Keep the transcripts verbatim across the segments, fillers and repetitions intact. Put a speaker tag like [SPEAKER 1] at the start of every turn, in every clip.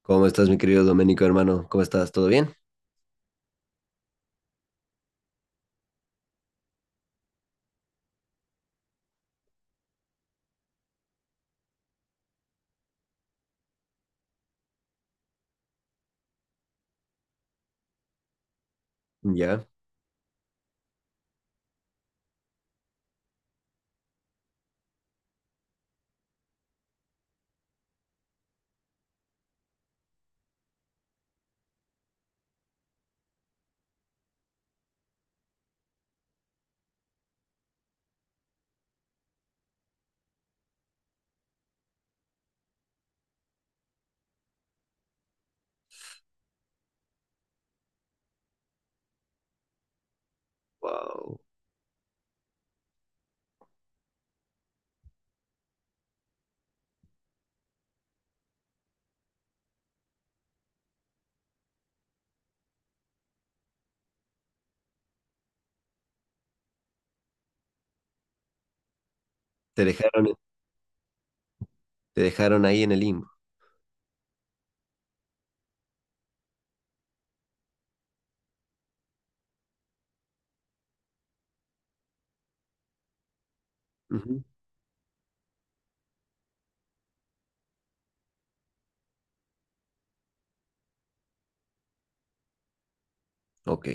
[SPEAKER 1] ¿Cómo estás, mi querido Doménico, hermano? ¿Cómo estás? ¿Todo bien? Ya. Wow. Te dejaron, te dejaron ahí en el limbo. Ujú. Ok.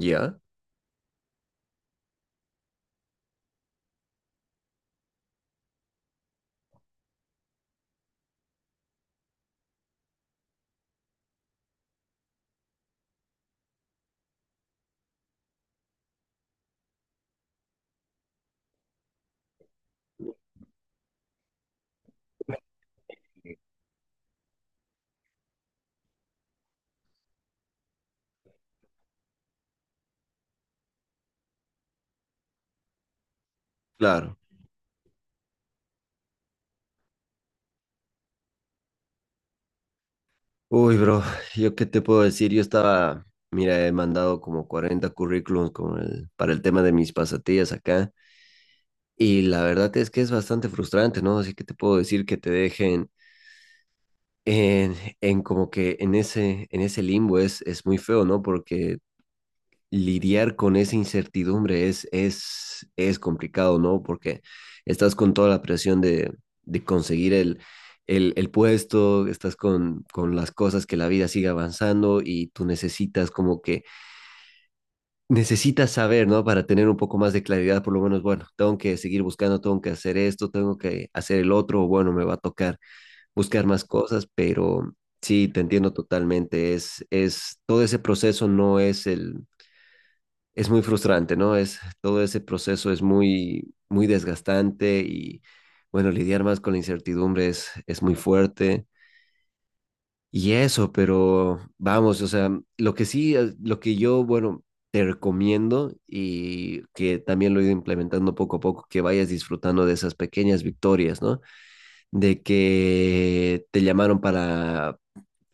[SPEAKER 1] Ya. Claro. Uy, bro, ¿yo qué te puedo decir? Yo estaba, mira, he mandado como cuarenta currículums con el- para el tema de mis pasatillas acá. Y la verdad es que es bastante frustrante, ¿no? Así que te puedo decir que te dejen en, en como que en ese, en ese limbo es, es muy feo, ¿no? Porque lidiar con esa incertidumbre es, es, es complicado, ¿no? Porque estás con toda la presión de, de conseguir el, el, el puesto, estás con, con las cosas, que la vida siga avanzando y tú necesitas como que, necesitas saber, ¿no? Para tener un poco más de claridad, por lo menos, bueno, tengo que seguir buscando, tengo que hacer esto, tengo que hacer el otro, o bueno, me va a tocar buscar más cosas, pero... Sí, te entiendo totalmente. Es, es, todo ese proceso no es el, es muy frustrante, ¿no? Es, todo ese proceso es muy, muy desgastante y, bueno, lidiar más con la incertidumbre es, es muy fuerte. Y eso, pero vamos, o sea, lo que sí, eh, lo que yo, bueno, te recomiendo y que también lo he ido implementando poco a poco, que vayas disfrutando de esas pequeñas victorias, ¿no? De que te llamaron para,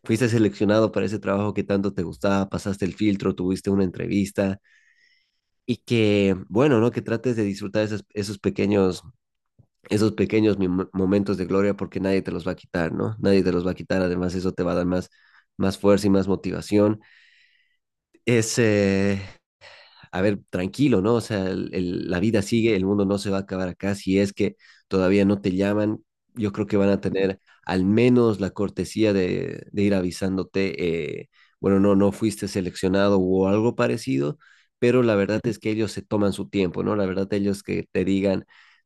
[SPEAKER 1] fuiste seleccionado para ese trabajo que tanto te gustaba, pasaste el filtro, tuviste una entrevista, y que, bueno, ¿no? Que trates de disfrutar esos, esos pequeños, esos pequeños mom- momentos de gloria porque nadie te los va a quitar, ¿no? Nadie te los va a quitar, además eso te va a dar más, más fuerza y más motivación. Es, eh, a ver, tranquilo, ¿no? O sea, el- el- la vida sigue, el mundo no se va a acabar acá. Si es que todavía no te llaman, yo creo que van a tener al menos la cortesía de, de ir avisándote, eh, bueno, no, no fuiste seleccionado o algo parecido, pero la verdad es que ellos se toman su tiempo, ¿no? La verdad ellos que te digan,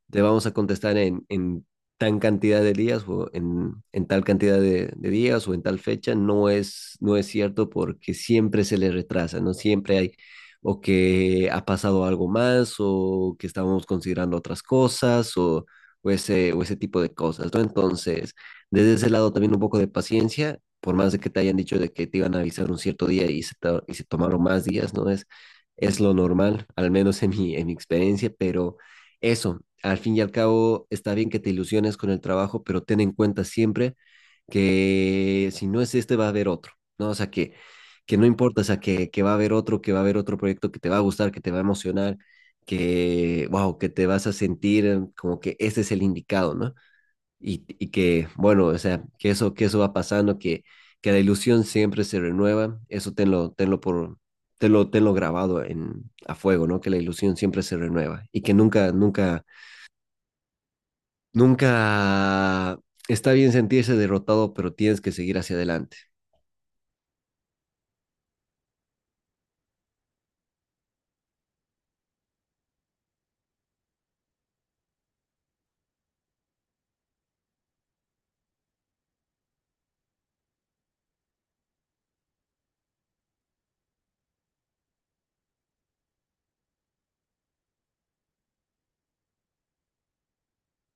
[SPEAKER 1] te vamos a contestar en, en tan cantidad de días o en, en tal cantidad de, de días o en tal fecha, no es, no es cierto porque siempre se les retrasa, ¿no? Siempre hay o que ha pasado algo más, o que estábamos considerando otras cosas, o, o ese, o ese tipo de cosas, ¿no? Entonces, desde ese lado también un poco de paciencia, por más de que te hayan dicho de que te iban a avisar un cierto día y se, to- y se tomaron más días, ¿no? Es, es lo normal, al menos en mi, en mi experiencia, pero eso, al fin y al cabo, está bien que te ilusiones con el trabajo, pero ten en cuenta siempre que si no es este va a haber otro, ¿no? O sea, que, que no importa, o sea, que, que va a haber otro, que va a haber otro proyecto que te va a gustar, que te va a emocionar, que, wow, que te vas a sentir como que este es el indicado, ¿no? Y, y que, bueno, o sea, que eso, que eso va pasando, que, que la ilusión siempre se renueva, eso tenlo, tenlo por... Tenlo, tenlo grabado en, a fuego, ¿no? Que la ilusión siempre se renueva y que nunca, nunca, nunca está bien sentirse derrotado, pero tienes que seguir hacia adelante.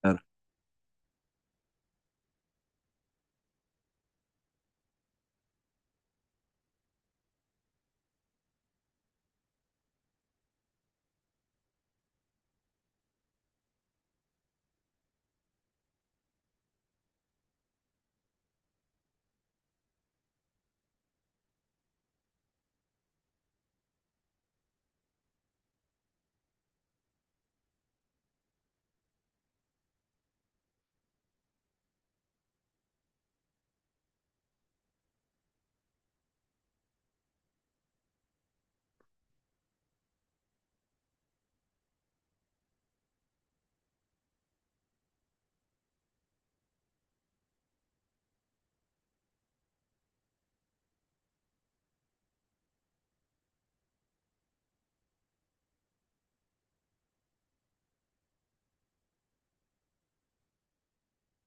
[SPEAKER 1] Ah,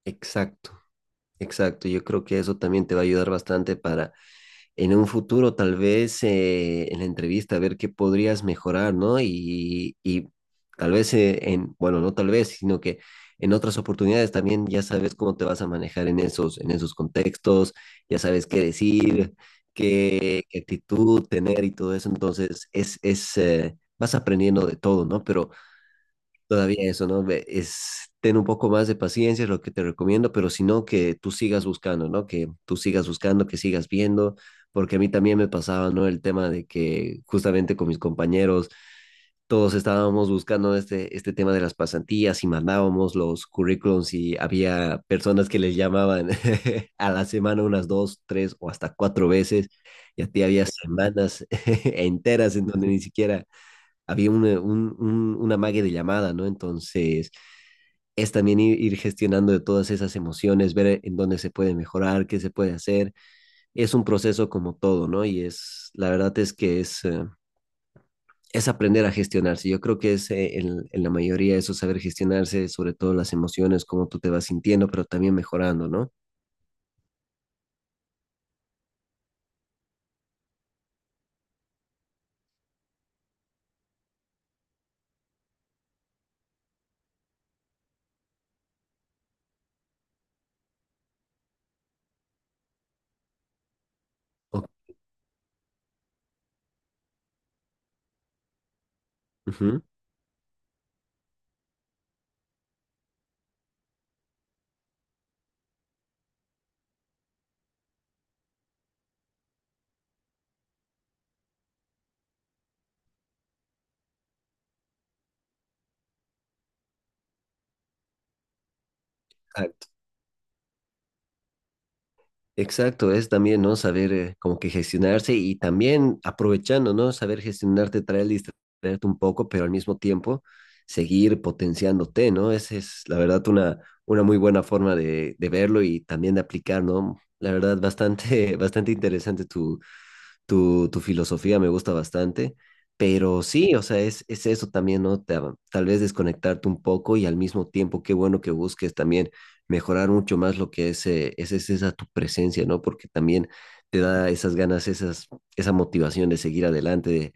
[SPEAKER 1] exacto, exacto. Yo creo que eso también te va a ayudar bastante para en un futuro, tal vez eh, en la entrevista, ver qué podrías mejorar, ¿no? Y, y tal vez eh, en, bueno, no tal vez, sino que en otras oportunidades también ya sabes cómo te vas a manejar en esos, en esos contextos, ya sabes qué decir, qué, qué actitud tener y todo eso. Entonces, es, es, eh, vas aprendiendo de todo, ¿no? Pero todavía eso, ¿no? Ve- Es, ten un poco más de paciencia, es lo que te recomiendo, pero si no, que tú sigas buscando, ¿no? Que tú sigas buscando, que sigas viendo, porque a mí también me pasaba, ¿no? El tema de que justamente con mis compañeros todos estábamos buscando este, este tema de las pasantías y mandábamos los currículums y había personas que les llamaban a la semana unas dos, tres o hasta cuatro veces y a ti había semanas enteras en donde ni siquiera había una, un, un, una mague de llamada, ¿no? Entonces, es también ir, ir gestionando de todas esas emociones, ver eh, en dónde se puede mejorar, qué se puede hacer. Es un proceso como todo, ¿no? Y es, la verdad es que es, eh, es aprender a gestionarse. Yo creo que es eh, en, en la mayoría eso, saber gestionarse, sobre todo las emociones, cómo tú te vas sintiendo, pero también mejorando, ¿no? O- Ujú. Exacto, es también, ¿no? Saber eh, como que gestionarse y también aprovechando, ¿no? Saber gestionarte, traer, distraerte un poco, pero al mismo tiempo seguir potenciándote, ¿no? Esa es la verdad una, una muy buena forma de, de verlo y también de aplicar, ¿no? La verdad, bastante, bastante interesante tu, tu filosofía me gusta bastante, pero sí, o sea, es, es eso también, ¿no? Ta- tal vez desconectarte un poco y al mismo tiempo, qué bueno que busques también mejorar mucho más lo que es, eh, es, es esa tu presencia, ¿no? Porque también te da esas ganas, esas, esa motivación de seguir adelante,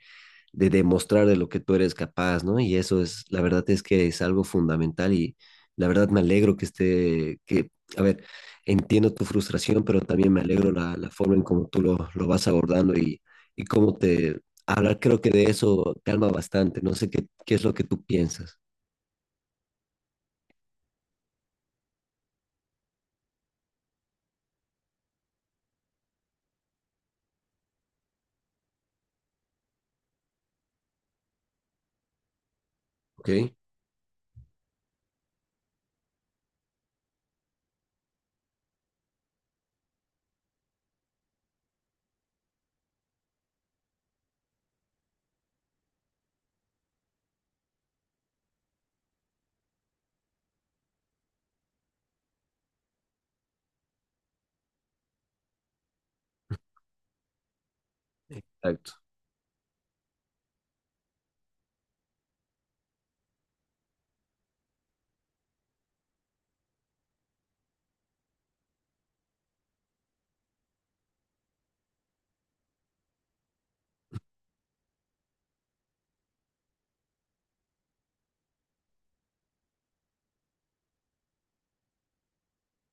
[SPEAKER 1] de demostrar de lo que tú eres capaz, ¿no? Y eso es, la verdad es que es algo fundamental y la verdad me alegro que esté, que, a ver, entiendo tu frustración, pero también me alegro la, la forma en cómo tú lo, lo vas abordando y, y cómo te, hablar creo que de eso calma bastante, no sé qué, qué es lo que tú piensas, ¿ok? Exacto.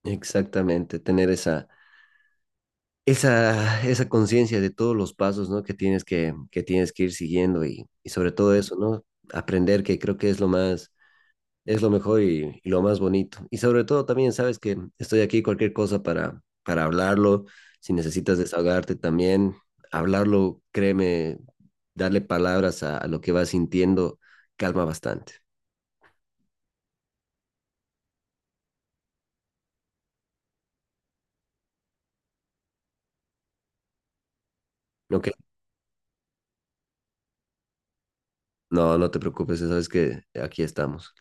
[SPEAKER 1] Exactamente, tener esa, esa, esa conciencia de todos los pasos, ¿no? Que tienes que, que, tienes que ir siguiendo y, y sobre todo eso, ¿no? Aprender que creo que es lo más, es lo mejor y, y lo más bonito. Y sobre todo también sabes que estoy aquí cualquier cosa para, para hablarlo. Si necesitas desahogarte también, hablarlo, créeme, darle palabras a, a lo que vas sintiendo calma bastante. No, que- no, no te preocupes, sabes que aquí estamos.